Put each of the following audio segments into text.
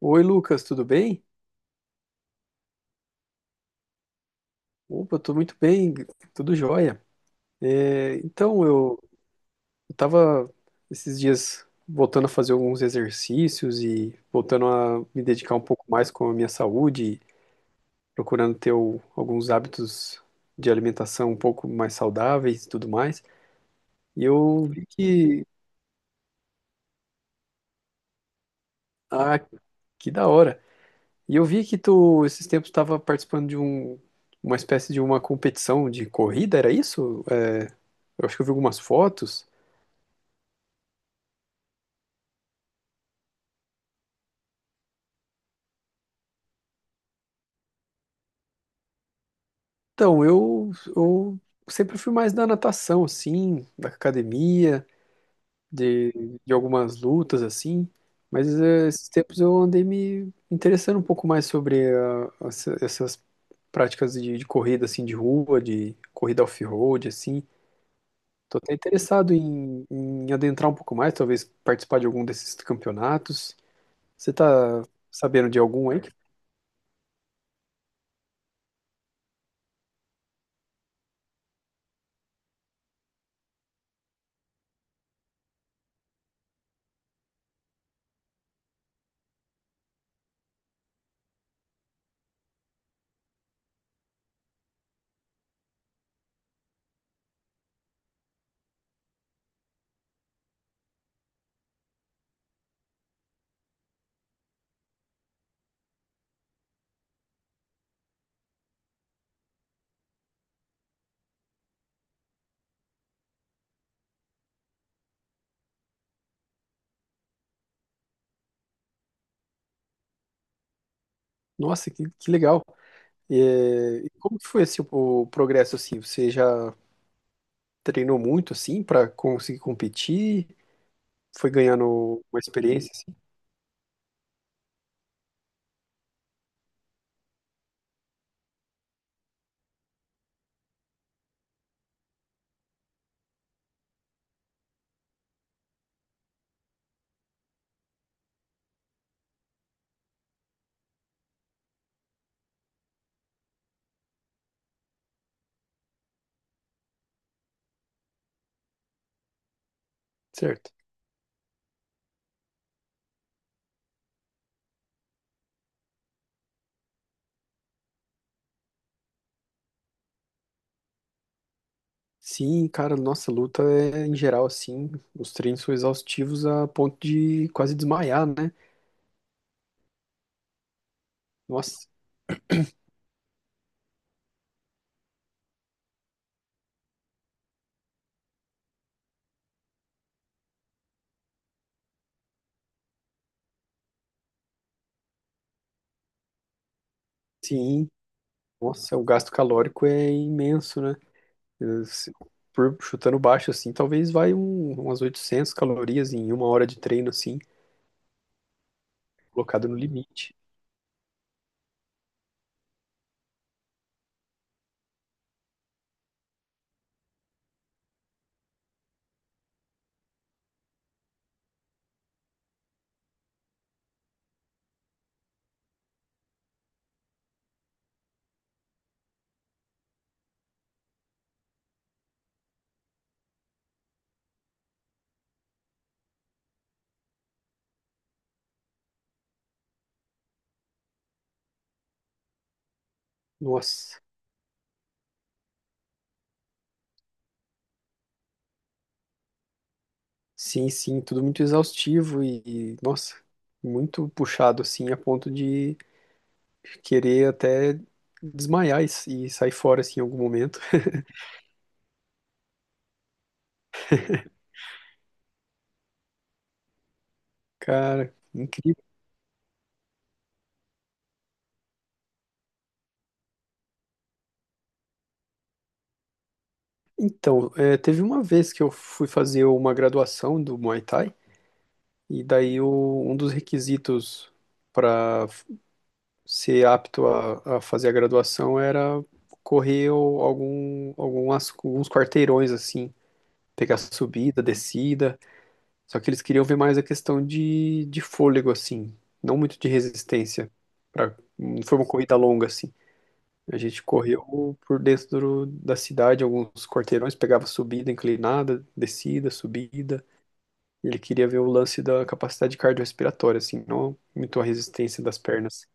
Oi, Lucas, tudo bem? Opa, eu tô muito bem, tudo jóia. Então, eu tava esses dias voltando a fazer alguns exercícios e voltando a me dedicar um pouco mais com a minha saúde, procurando ter alguns hábitos de alimentação um pouco mais saudáveis e tudo mais. E eu vi que... Ah, que da hora! E eu vi que tu, esses tempos, estava participando de uma espécie de uma competição de corrida, era isso? É, Eu acho que eu vi algumas fotos. Então, eu sempre fui mais da natação, assim, da academia, de, de algumas lutas, assim, mas esses tempos eu andei me interessando um pouco mais sobre essas práticas de corrida, assim, de rua, de corrida off-road, assim. Tô até interessado em adentrar um pouco mais, talvez participar de algum desses campeonatos. Você tá sabendo de algum aí? Nossa, que legal! E como que foi assim, o progresso assim? Você já treinou muito assim pra conseguir competir? Foi ganhando uma experiência assim, certo? Sim, cara, nossa luta é em geral assim, os treinos são exaustivos a ponto de quase desmaiar, né? Nossa, sim, nossa, o gasto calórico é imenso, né? Eh, Se- Por Chutando baixo assim, talvez vai umas 800 calorias em uma hora de treino assim, colocado no limite. Nossa, sim, sim, tudo muito exaustivo e nossa, muito puxado assim a ponto de querer até desmaiar e sair fora assim em algum momento. Cara, incrível. Então, é, teve uma vez que eu fui fazer uma graduação do Muay Thai e daí um dos requisitos para ser apto a fazer a graduação era correr alguns quarteirões assim, pegar subida, descida. Só que eles queriam ver mais a questão de fôlego assim, não muito de resistência. Não foi uma corrida longa assim. A gente correu por dentro da cidade, alguns quarteirões, pegava subida inclinada, descida, subida. Ele queria ver o lance da capacidade cardiorrespiratória, assim, não muito a resistência das pernas.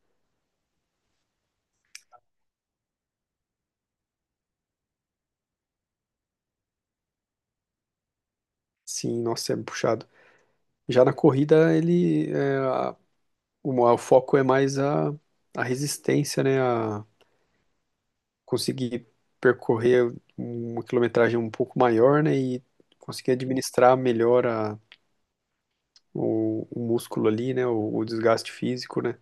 Sim, nossa, é puxado. Já na corrida, ele, é, a- o foco é mais a resistência, né? A conseguir percorrer uma quilometragem um pouco maior, né? E conseguir administrar melhor o músculo ali, né? O desgaste físico, né?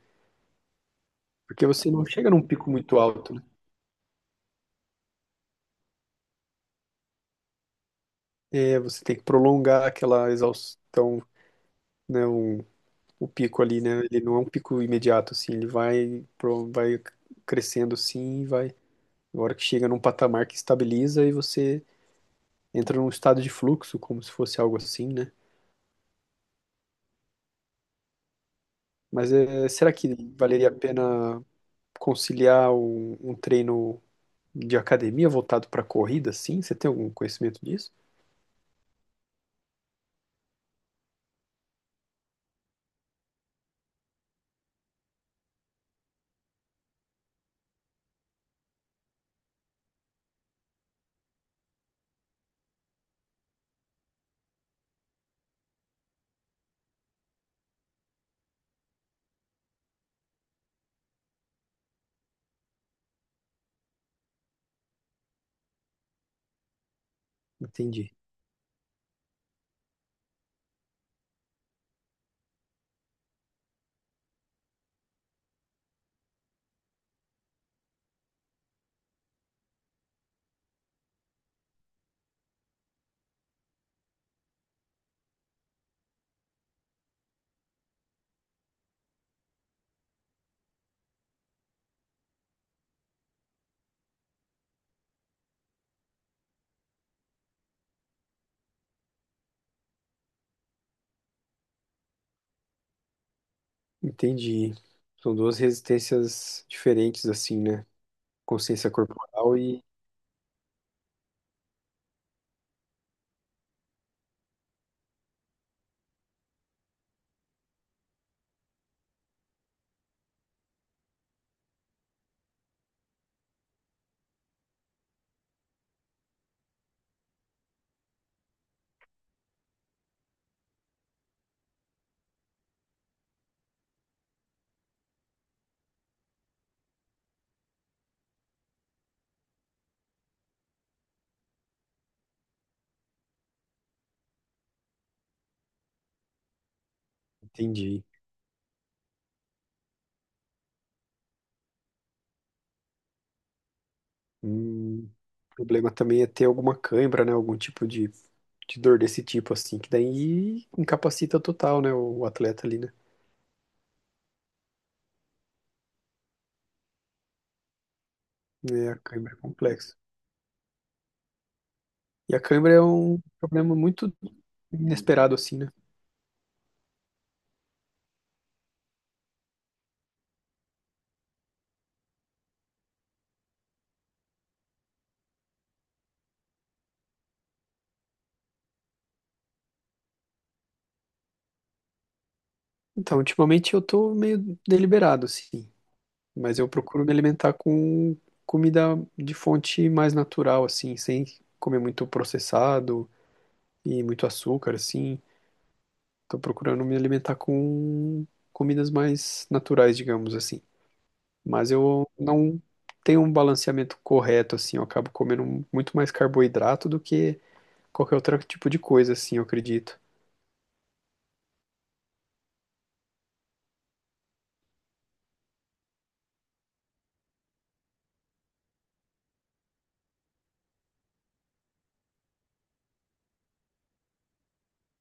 Porque você não chega num pico muito alto, né? É, você tem que prolongar aquela exaustão, né? O pico ali, né? Ele não é um pico imediato, assim. Ele vai crescendo, assim, e vai. Na hora que chega num patamar que estabiliza e você entra num estado de fluxo, como se fosse algo assim, né? Mas é, será que valeria a pena conciliar um treino de academia voltado para corrida, assim? Você tem algum conhecimento disso? Entendi. Entendi. São duas resistências diferentes, assim, né? Consciência corporal e. Entendi. Hum, o problema também é ter alguma cãibra, né? Algum tipo de dor desse tipo, assim, que daí incapacita total, né? O atleta ali, né? É, a cãibra é complexa. E a cãibra é um problema muito inesperado, assim, né? Então, ultimamente eu tô meio deliberado, assim. Mas eu procuro me alimentar com comida de fonte mais natural, assim, sem comer muito processado e muito açúcar, assim. Tô procurando me alimentar com comidas mais naturais, digamos assim. Mas eu não tenho um balanceamento correto, assim. Eu acabo comendo muito mais carboidrato do que qualquer outro tipo de coisa, assim, eu acredito.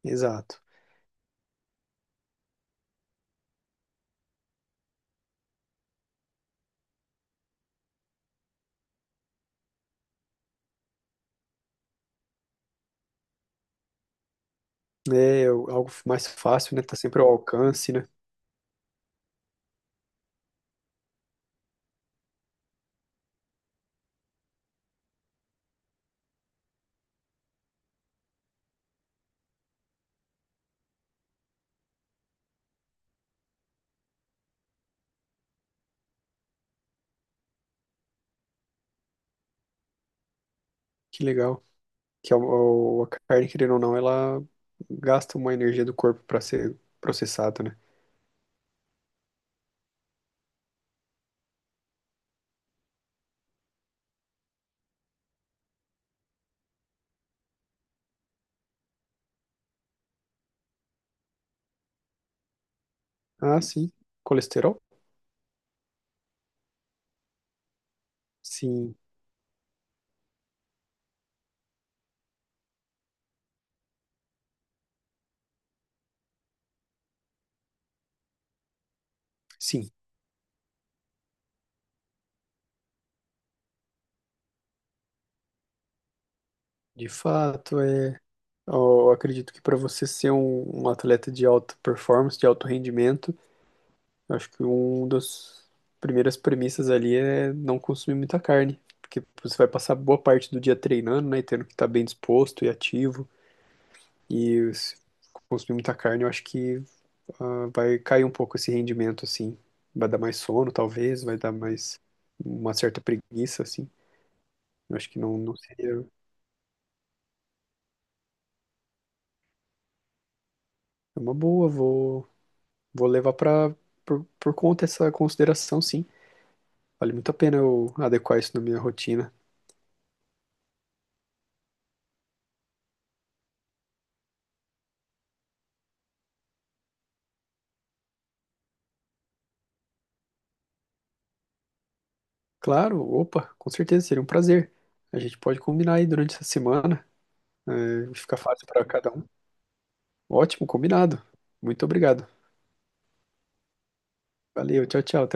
Exato. Algo mais fácil, né? Tá sempre ao alcance, né? Que legal. Que a carne, querendo ou não, ela gasta uma energia do corpo para ser processada, né? Ah, sim. Colesterol? Sim, sim. De fato, é. Eu acredito que para você ser um atleta de alta performance, de alto rendimento, eu acho que uma das primeiras premissas ali é não consumir muita carne, porque você vai passar boa parte do dia treinando, né, e tendo que estar bem disposto e ativo, e se consumir muita carne, eu acho que vai cair um pouco esse rendimento, assim, vai dar mais sono, talvez, vai dar mais uma certa preguiça, assim, eu acho que não seria uma boa, vou levar para por conta essa consideração, sim. Vale muito a pena eu adequar isso na minha rotina. Claro, opa, com certeza seria um prazer. A gente pode combinar aí durante essa semana. É, fica fácil para cada um. Ótimo, combinado. Muito obrigado. Valeu, tchau, tchau. Até